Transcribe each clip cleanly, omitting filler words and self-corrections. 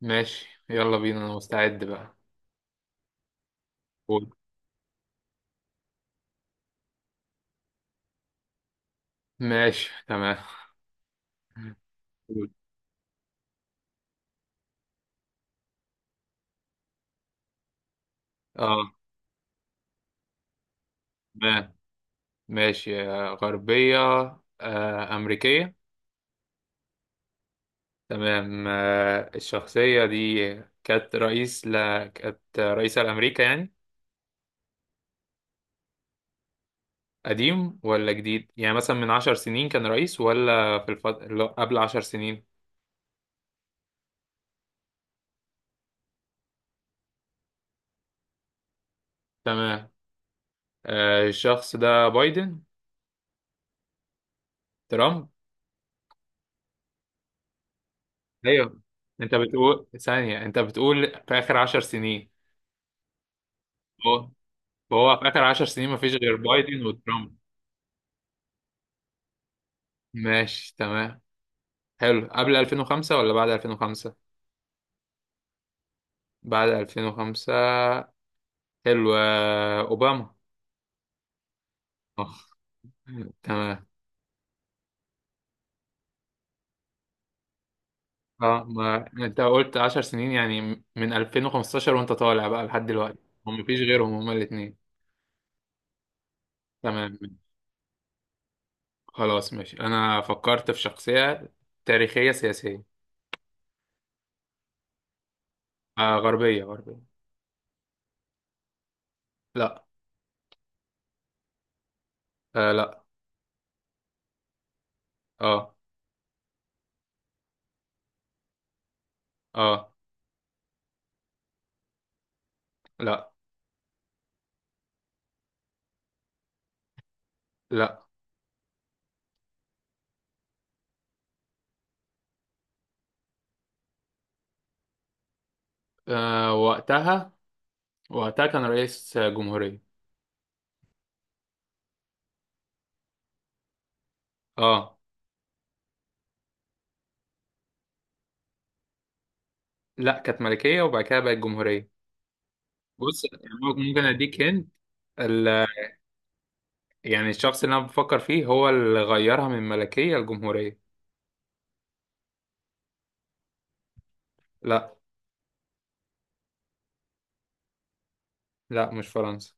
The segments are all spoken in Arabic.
ماشي، يلا بينا، انا مستعد بقى. قول. ماشي، تمام. قول. اه. تمام. ماشي، غربية. أمريكية. تمام. الشخصية دي كانت كانت رئيسة لأمريكا يعني. قديم ولا جديد، يعني مثلا من عشر سنين كان رئيس، ولا لا، قبل عشر سنين؟ تمام. الشخص ده بايدن؟ ترامب؟ ايوه. انت بتقول ثانية، انت بتقول في آخر عشر سنين؟ هو في آخر عشر سنين مفيش غير بايدن وترامب؟ ماشي، تمام. حلو، قبل 2005 ولا بعد 2005؟ بعد 2005. حلو، أوباما؟ تمام. اه، ما انت قلت 10 سنين، يعني من 2015 وانت طالع بقى لحد دلوقتي. هم مفيش غيرهم، هما الاثنين. تمام. خلاص، ماشي، انا فكرت في شخصية تاريخية سياسية. غربية غربية. لا. لا. اه. اه. لا. لا. وقتها، كان رئيس جمهورية. اه، لا، كانت ملكية وبعد كده بقت جمهورية. بص، ممكن اديك هند. ال... يعني الشخص اللي انا بفكر فيه هو اللي غيرها من ملكية لجمهورية. لا. لا، مش فرنسا.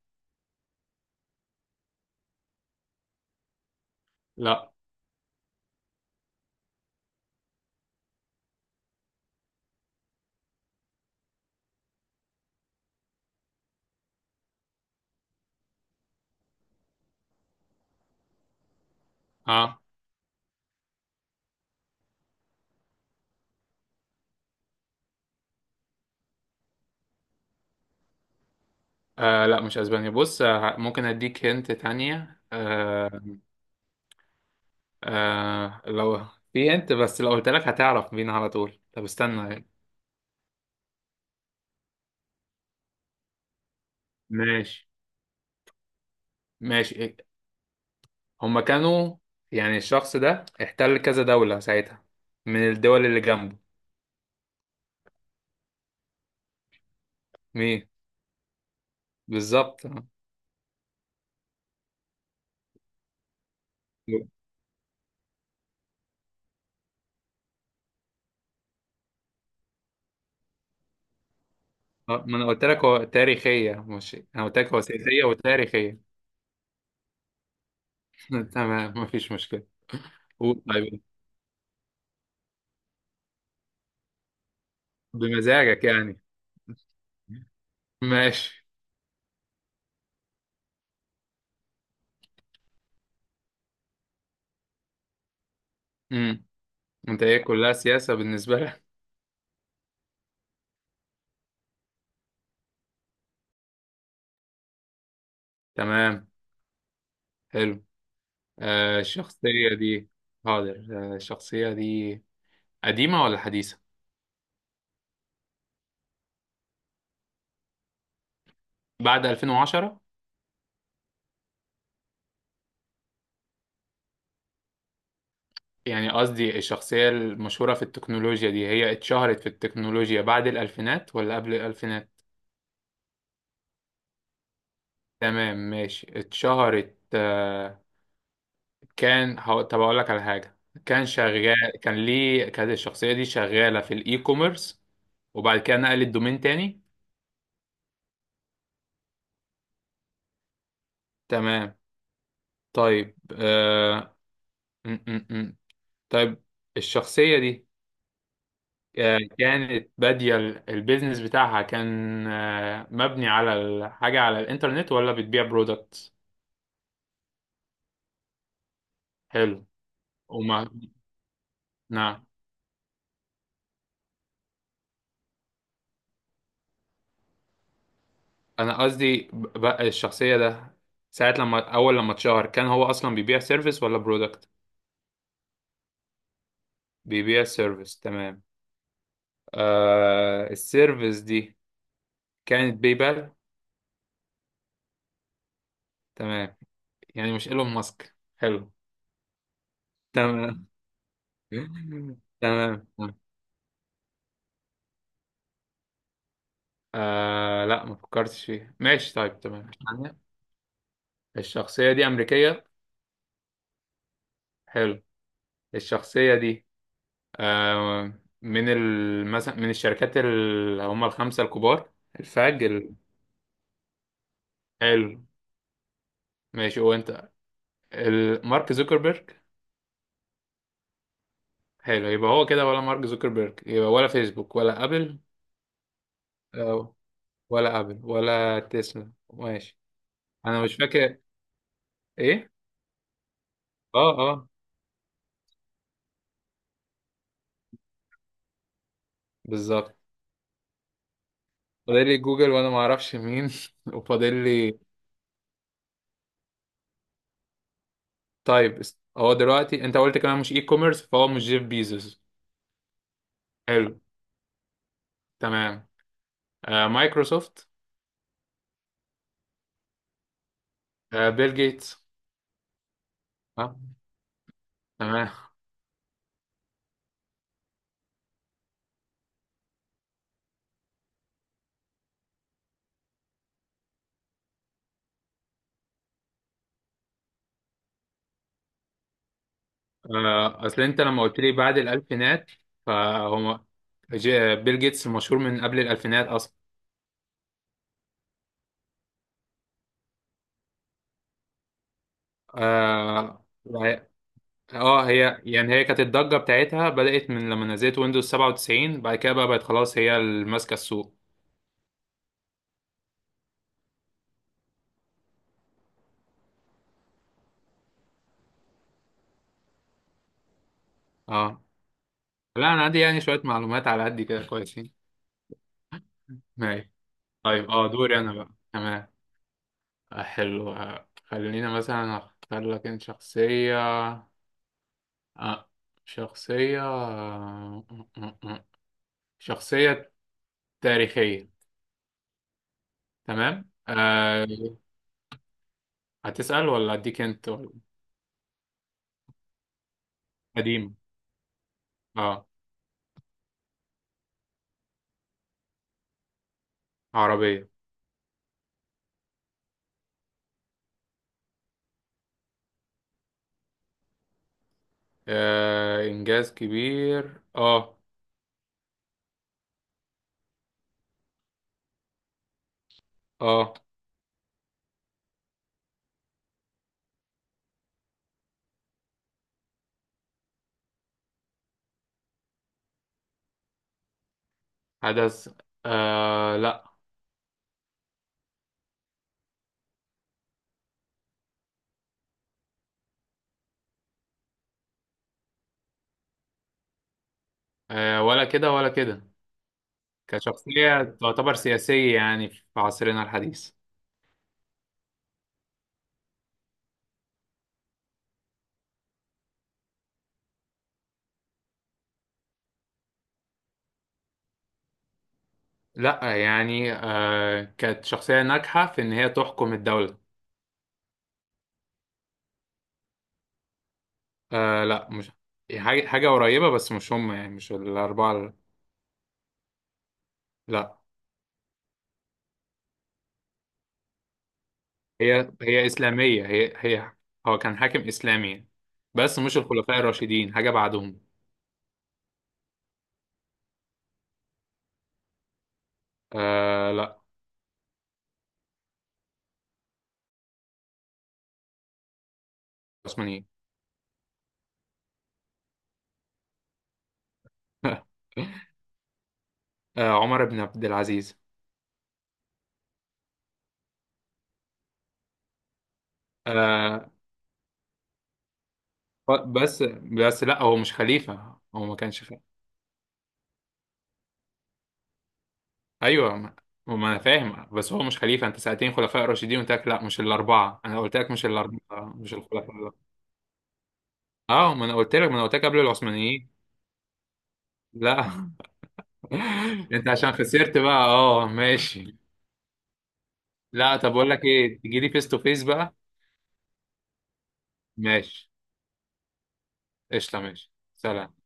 لا. اه. لا، مش اسبانيا. بص، ممكن اديك هنت تانية. لو في هنت، بس لو قلت لك هتعرف بينا على طول. طب، استنى يعني. ماشي، ماشي. هما كانوا يعني الشخص ده احتل كذا دولة ساعتها، من الدول اللي جنبه. مين؟ بالظبط. ما انا قلت لك هو تاريخية، مش انا قلت لك هو سياسية وتاريخية. تمام، مفيش مشكلة. قول. طيب، بمزاجك يعني؟ ماشي. امم انت ايه، كلها سياسة بالنسبة لك؟ تمام. حلو. الشخصية دي. حاضر. الشخصية دي قديمة ولا حديثة؟ بعد 2010؟ يعني قصدي الشخصية المشهورة في التكنولوجيا دي، هي اتشهرت في التكنولوجيا بعد الألفينات ولا قبل الألفينات؟ تمام، ماشي، اتشهرت. طب أقول لك على حاجة، كانت الشخصية دي شغالة في الإي كوميرس، وبعد كده نقلت دومين تاني؟ تمام. طيب، م -م -م. طيب، الشخصية دي، كانت بادية البيزنس بتاعها كان مبني على الحاجة على الإنترنت، ولا بتبيع برودكت؟ حلو. ومع نعم. انا قصدي بقى الشخصيه ده، ساعه لما اول لما اتشهر، كان هو اصلا بيبيع سيرفيس ولا برودكت؟ بيبيع سيرفيس، تمام. السيرفيس دي كانت باي بال؟ تمام، يعني مش ايلون ماسك؟ حلو. تمام. تمام. لا، ما فكرتش فيها. ماشي، طيب، تمام. الشخصيه دي امريكيه؟ حلو. الشخصيه دي، آه، مثلا من الشركات اللي هم الخمسة الكبار، الفاج ال... حلو. ماشي، وانت، مارك زوكربيرج؟ حلو. يبقى هو كده، ولا مارك زوكربيرج يبقى، ولا فيسبوك، ولا ابل؟ آه، ولا ابل ولا تسلا، ماشي. انا مش فاكر. ايه؟ اه، اه، بالظبط. فاضل لي جوجل وانا ما اعرفش مين. وفاضل لي. طيب، هو دلوقتي انت قلت كمان مش اي كوميرس، فهو مش جيف بيزوس؟ حلو. تمام. مايكروسوفت؟ بيل جيتس؟ اه. تمام. اصل انت لما قلت لي بعد الالفينات، فهو بيل جيتس مشهور من قبل الالفينات اصلا. اه. هي يعني هي كانت الضجه بتاعتها بدات من لما نزلت ويندوز 97، بعد كده بقى بقت خلاص هي اللي ماسكه السوق. اه، لا، انا عندي يعني شويه معلومات على قد كده كويسين. ماشي، طيب. اه، دوري انا بقى. تمام. حلو. خلينا مثلا اختار لك انت شخصيه، آه. شخصية آه، آه. شخصية تاريخية. تمام. هتسأل ولا أديك أنت، ولا؟ قديم. آه عربية. إنجاز كبير. آه حدث. لا. ولا كده ولا كده. كشخصية تعتبر سياسية يعني في عصرنا الحديث. لا يعني، كانت شخصية ناجحة في إن هي تحكم الدولة. لا مش، حاجة قريبة، بس مش هم، يعني مش الأربعة لا، هي إسلامية، هي هي هو كان حاكم إسلامي يعني. بس مش الخلفاء الراشدين، حاجة بعدهم. لا، عثمانيين. عمر بن عبد العزيز. آه بس، لا، هو مش خليفة، هو ما كانش خليفة. أيوه، ما أنا فاهم، بس هو مش خليفة. أنت سألتني خلفاء راشدين، قلت لك لا مش الأربعة، أنا قلت لك مش الأربعة، مش الخلفاء. أه، ما أنا قلت لك قبل العثمانيين. لا. انت عشان خسرت بقى؟ اه، ماشي. لا، طب اقول لك ايه، تجي لي فيس تو فيس بقى. ماشي. قشطه، ماشي، سلام.